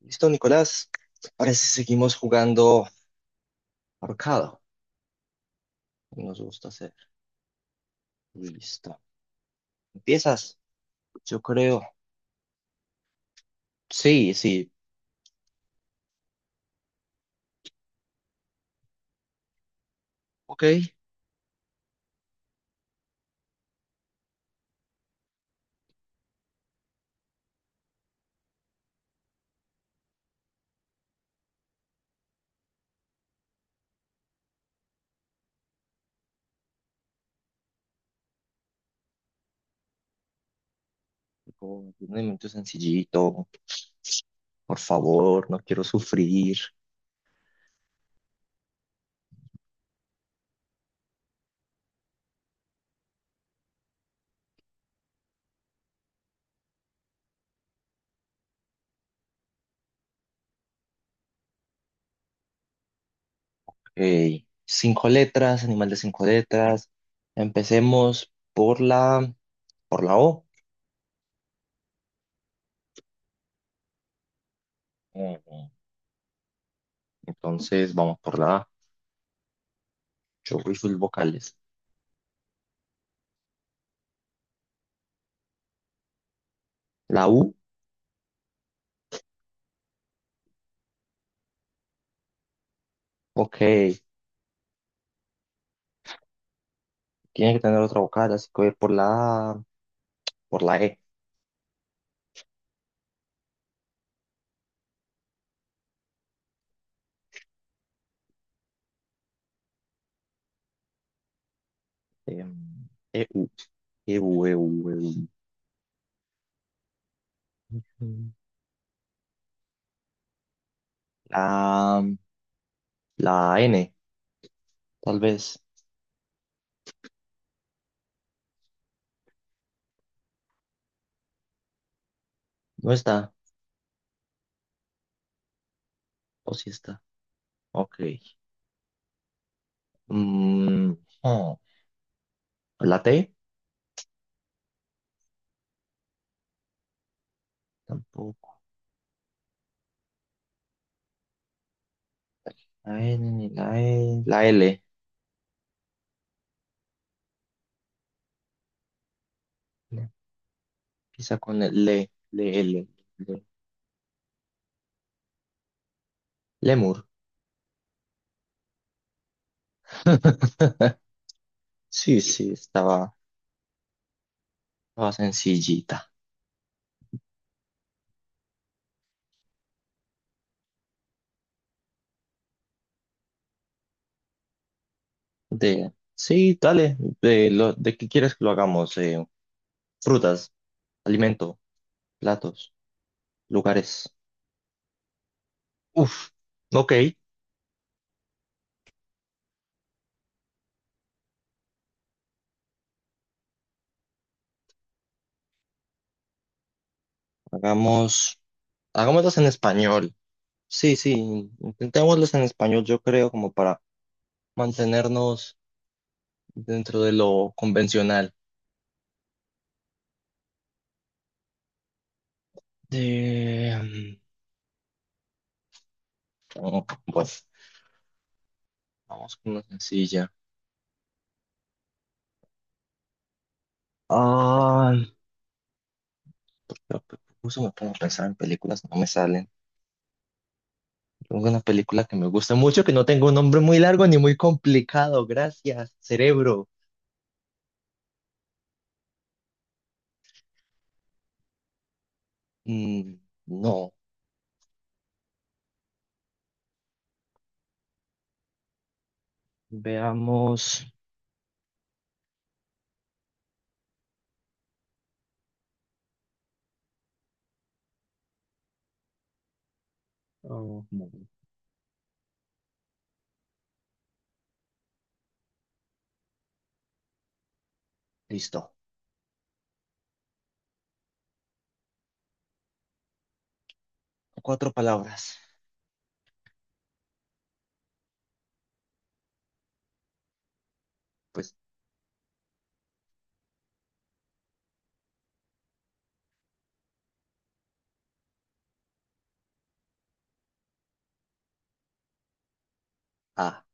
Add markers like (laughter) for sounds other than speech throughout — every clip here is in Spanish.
Listo, Nicolás. Ahora sí seguimos jugando ahorcado, como nos gusta hacer. Listo. ¿Empiezas? Yo creo. Sí, sí. Ok. Tipo, un elemento sencillito. Por favor, no quiero sufrir. Ok. Cinco letras, animal de cinco letras. Empecemos por la, O. Ujú. Entonces, vamos por la A. Yo voy full vocales. La U. Ok. Tiene que tener otra vocal, así que voy por la E. E U E U La, la N, tal vez. No está. O sí está. Ok. Mm, oh, la T, tampoco. La N, ni la E. La L. Empieza con el L le- Lemur. (laughs) Sí, sí, estaba sencillita. Sí, dale. ¿De qué quieres que lo hagamos? Frutas, alimento, platos, lugares. Uf, ok, hagamos, hagámoslos en español. Sí, sí, intentémoslos en español, yo creo, como para mantenernos dentro de lo convencional. De, pues, vamos con una sencilla. Ah, porque justo me pongo a pensar en películas, no me salen. Tengo una película que me gusta mucho, que no tengo un nombre muy largo ni muy complicado. Gracias, cerebro. Mm, no, veamos. Oh, listo. Cuatro palabras. Pues, ah,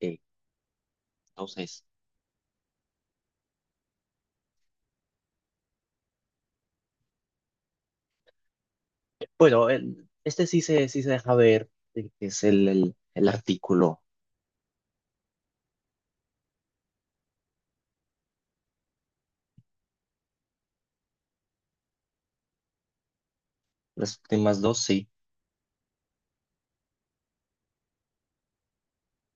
eh, entonces. Bueno, este sí se, deja ver, que es el artículo. Las últimas dos sí.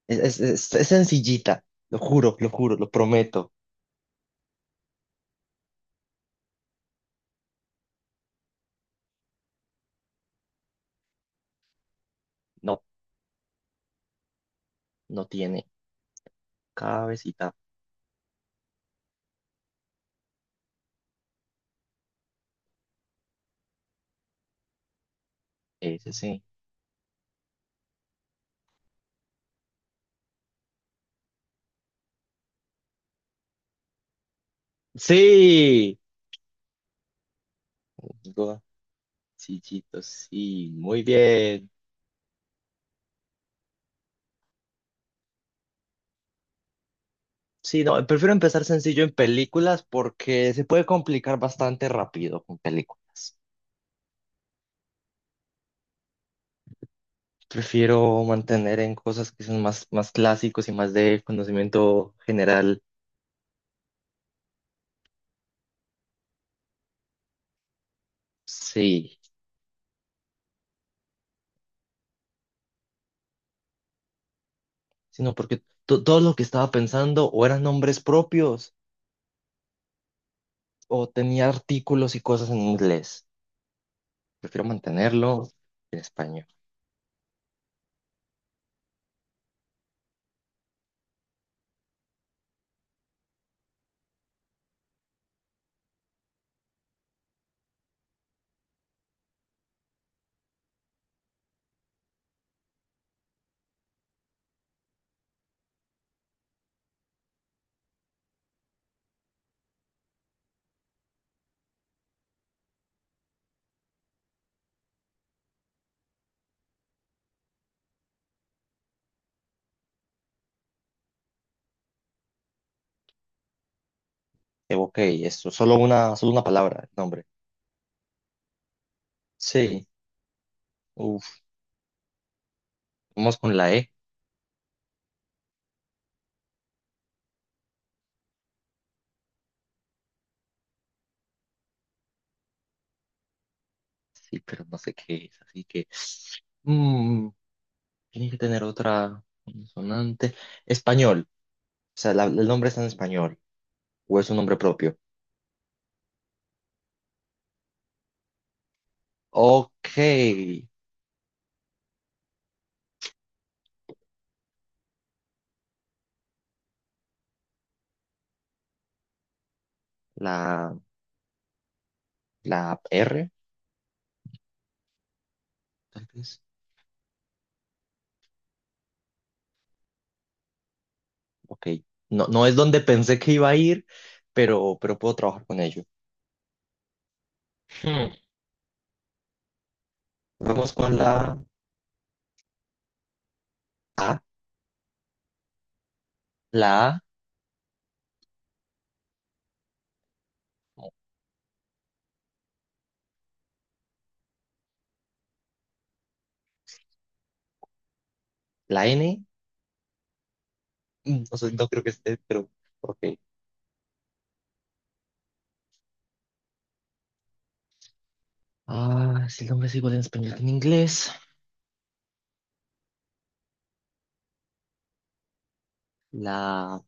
Es sencillita, lo juro, lo juro, lo prometo. No, no tiene cabecita. Ese sí. Sí, Go- sencillito, sí, muy bien. Sí, no, prefiero empezar sencillo en películas porque se puede complicar bastante rápido con películas. Prefiero mantener en cosas que son más, más clásicos y más de conocimiento general, sí, sino porque todo lo que estaba pensando o eran nombres propios o tenía artículos y cosas en inglés. Prefiero mantenerlo en español. Ok, eso, solo una palabra, el nombre. Sí, uf, vamos con la E, sí, pero no sé qué es, así que mm, tiene que tener otra consonante. Español, o sea, el nombre está en español o es un nombre propio. Ok, la, la R, tal vez. Ok, no, no es donde pensé que iba a ir, pero puedo trabajar con ello. Hmm. Vamos con A, la A, no, la N. No sé, no creo que esté, pero ok. Ah, si el nombre es igual en español que en inglés. La,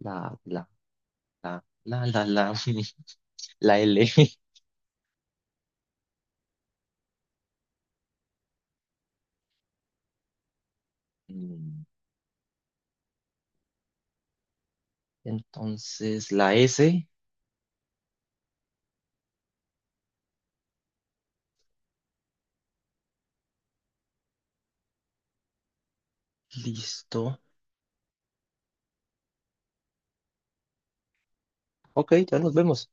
la, la, la (laughs) la L. (laughs) Mm, Entonces, la S, listo. Ok, ya nos vemos.